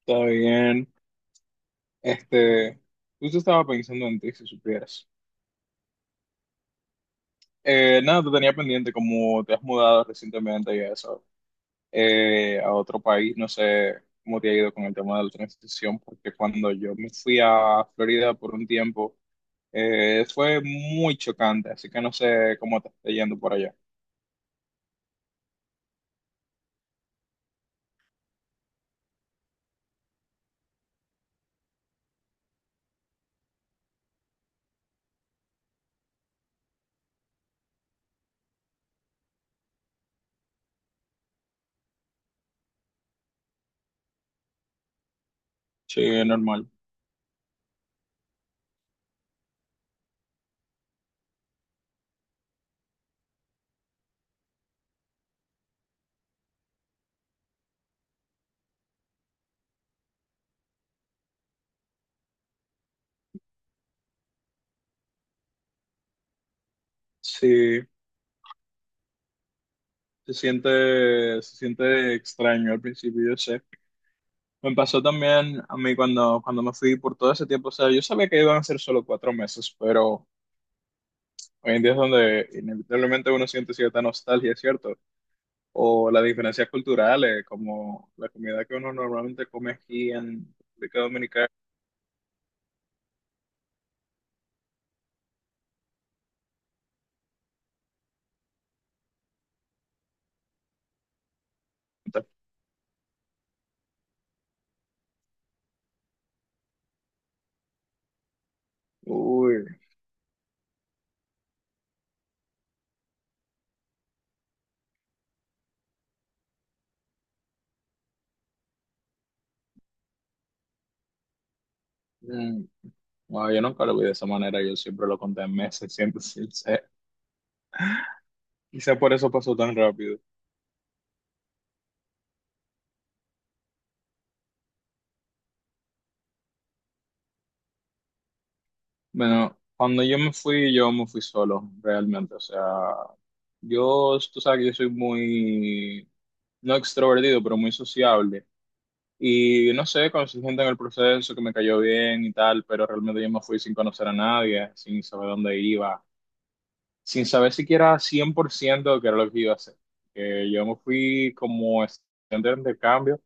Está bien. Este, Justo estaba pensando en ti, si supieras. Nada, te tenía pendiente, como te has mudado recientemente y eso, a otro país, no sé cómo te ha ido con el tema de la transición, porque cuando yo me fui a Florida por un tiempo, fue muy chocante, así que no sé cómo te está yendo por allá. Sí, es normal. Sí, se siente extraño al principio, yo sé. Me pasó también a mí cuando me fui por todo ese tiempo. O sea, yo sabía que iban a ser solo 4 meses, pero hoy en día es donde inevitablemente uno siente cierta nostalgia, ¿cierto? O las diferencias culturales, como la comida que uno normalmente come aquí en República Dominicana. Uy, mm, no, yo nunca lo vi de esa manera, yo siempre lo conté en meses, siempre sincero. Quizá por eso pasó tan rápido. Bueno, cuando yo me fui solo, realmente. O sea, yo, tú sabes que yo soy muy, no extrovertido, pero muy sociable. Y no sé, conocí gente en el proceso que me cayó bien y tal, pero realmente yo me fui sin conocer a nadie, sin saber dónde iba, sin saber siquiera 100% de qué era lo que iba a hacer. Que yo me fui como estudiante de intercambio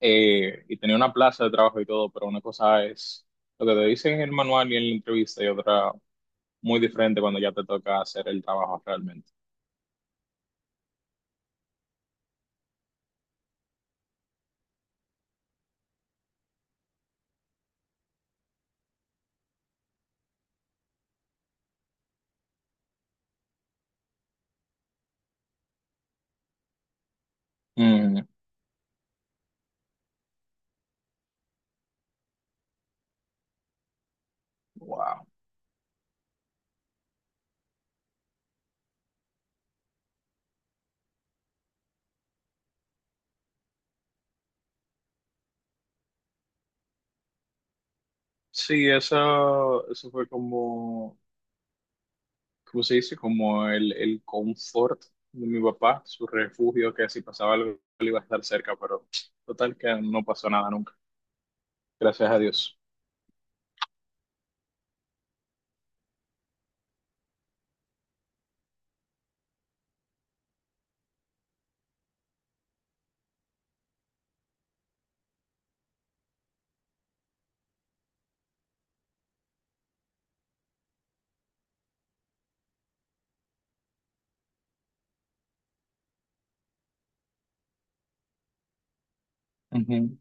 y tenía una plaza de trabajo y todo, pero una cosa es lo que te dicen en el manual y en la entrevista y otra muy diferente cuando ya te toca hacer el trabajo realmente. Mm, wow. Sí, eso fue como, ¿cómo se dice? Como el confort de mi papá, su refugio, que si pasaba algo él iba a estar cerca, pero total que no pasó nada nunca, gracias a Dios. Ujú.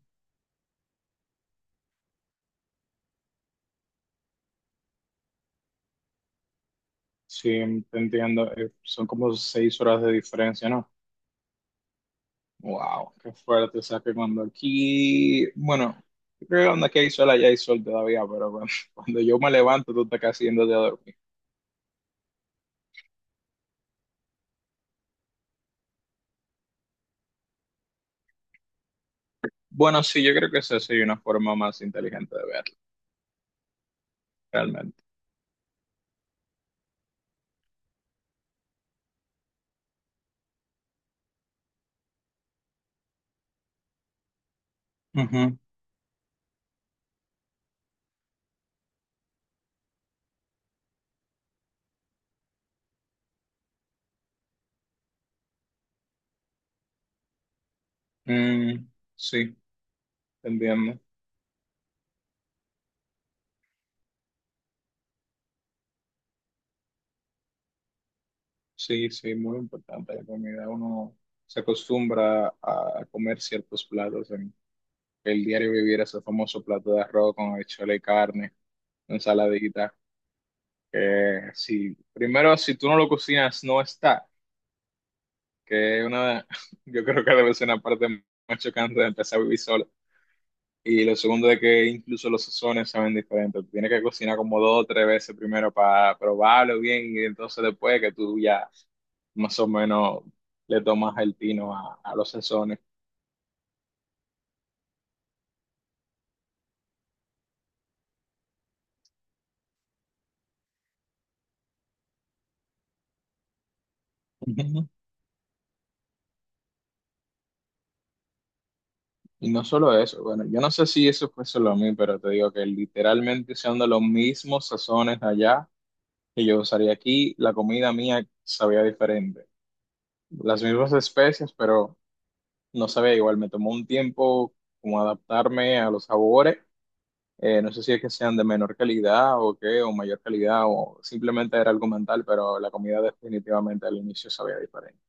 Sí, te entiendo, son como 6 horas de diferencia, ¿no? Wow, qué fuerte, o sea que cuando aquí, bueno, yo creo que cuando aquí hay sol, allá hay sol todavía, pero cuando, cuando yo me levanto, tú estás casi yéndote a dormir. Bueno, sí, yo creo que esa sería una forma más inteligente de verlo, realmente. Ujú. Mm, sí, entiendo. Sí, sí, muy importante la comida. Uno se acostumbra a comer ciertos platos en el diario vivir, ese famoso plato de arroz con habichuela y carne, ensaladita, que si, primero, si tú no lo cocinas, no está, que es una, yo creo que debe ser una parte más chocante de empezar a vivir solo. Y lo segundo es que incluso los sazones saben diferentes. Tú tienes que cocinar como dos o tres veces primero para probarlo bien y entonces después que tú ya más o menos le tomas el tino a los sazones. Ujú. Y no solo eso, bueno, yo no sé si eso fue solo a mí, pero te digo que literalmente usando los mismos sazones allá que yo usaría aquí, la comida mía sabía diferente. Las mismas especias pero no sabía igual. Me tomó un tiempo como adaptarme a los sabores. No sé si es que sean de menor calidad o qué, o mayor calidad, o simplemente era algo mental, pero la comida definitivamente al inicio sabía diferente.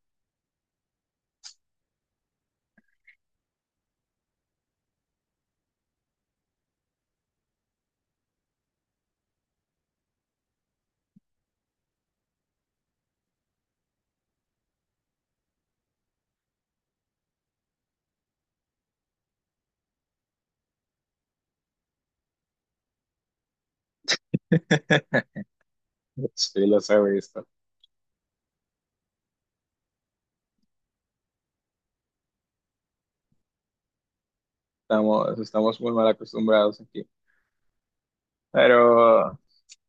Sí, los he visto. Estamos muy mal acostumbrados aquí. Pero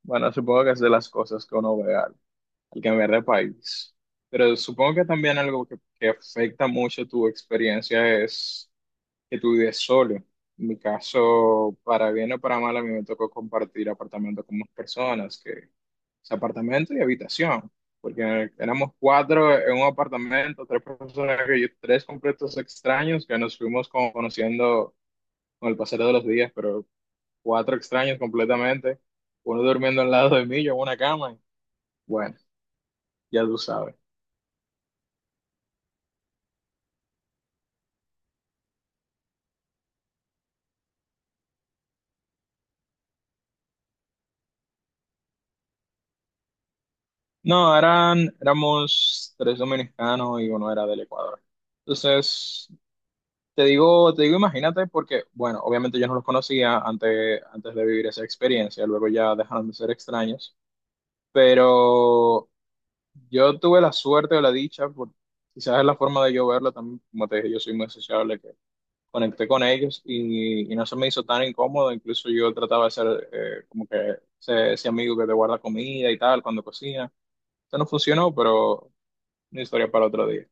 bueno, supongo que es de las cosas que uno ve al, al cambiar de país. Pero supongo que también algo que afecta mucho tu experiencia es que tú vives solo. En mi caso, para bien o para mal, a mí me tocó compartir apartamento con más personas, que es apartamento y habitación, porque éramos cuatro en un apartamento, tres personas, tres completos extraños que nos fuimos como conociendo con el pasar de los días, pero cuatro extraños completamente, uno durmiendo al lado de mí, yo en una cama, bueno, ya tú sabes. No, eran, éramos tres dominicanos y uno era del Ecuador. Entonces, te digo, te digo, imagínate, porque, bueno, obviamente yo no los conocía antes, antes de vivir esa experiencia, luego ya dejaron de ser extraños, pero yo tuve la suerte o la dicha, quizás es la forma de yo verlo también, como te dije, yo soy muy sociable, que conecté con ellos y no se me hizo tan incómodo, incluso yo trataba de ser como que ese amigo que te guarda comida y tal cuando cocina, eso no funcionó, pero una historia para otro día.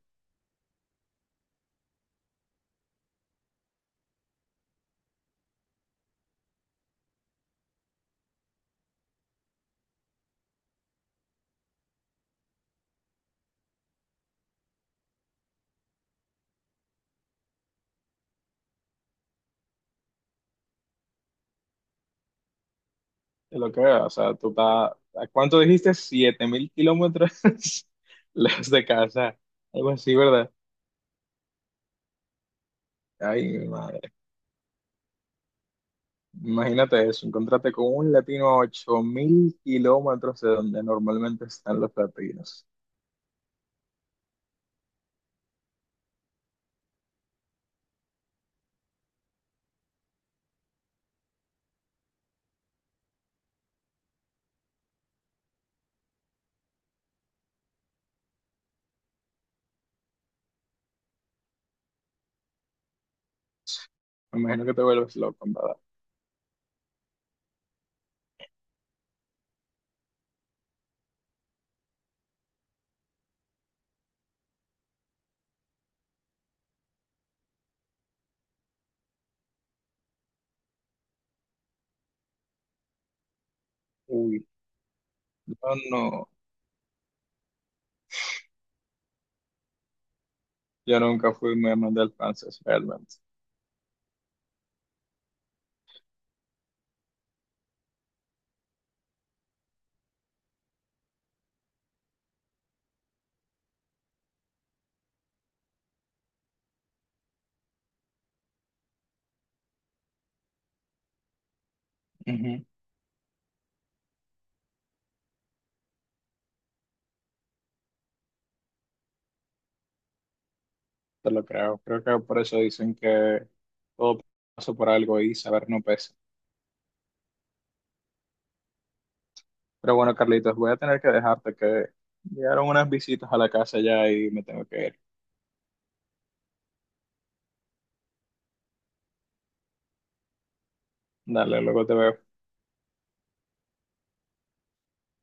Es lo que veo, o sea, tú estás, ¿a cuánto dijiste? 7000 kilómetros lejos de casa, algo así, ¿verdad? Ay, mi madre, imagínate eso, encontrarte con un latino a 8000 kilómetros de donde normalmente están los latinos. Me imagino que te vuelves loco, en ¿verdad? Uy, no, no, yo nunca fui muy amante del francés, realmente. Ujú, te lo creo, creo que por eso dicen que todo pasa por algo y saber no pesa. Pero bueno, Carlitos, voy a tener que dejarte que llegaron unas visitas a la casa ya y me tengo que ir. Dale, luego te veo.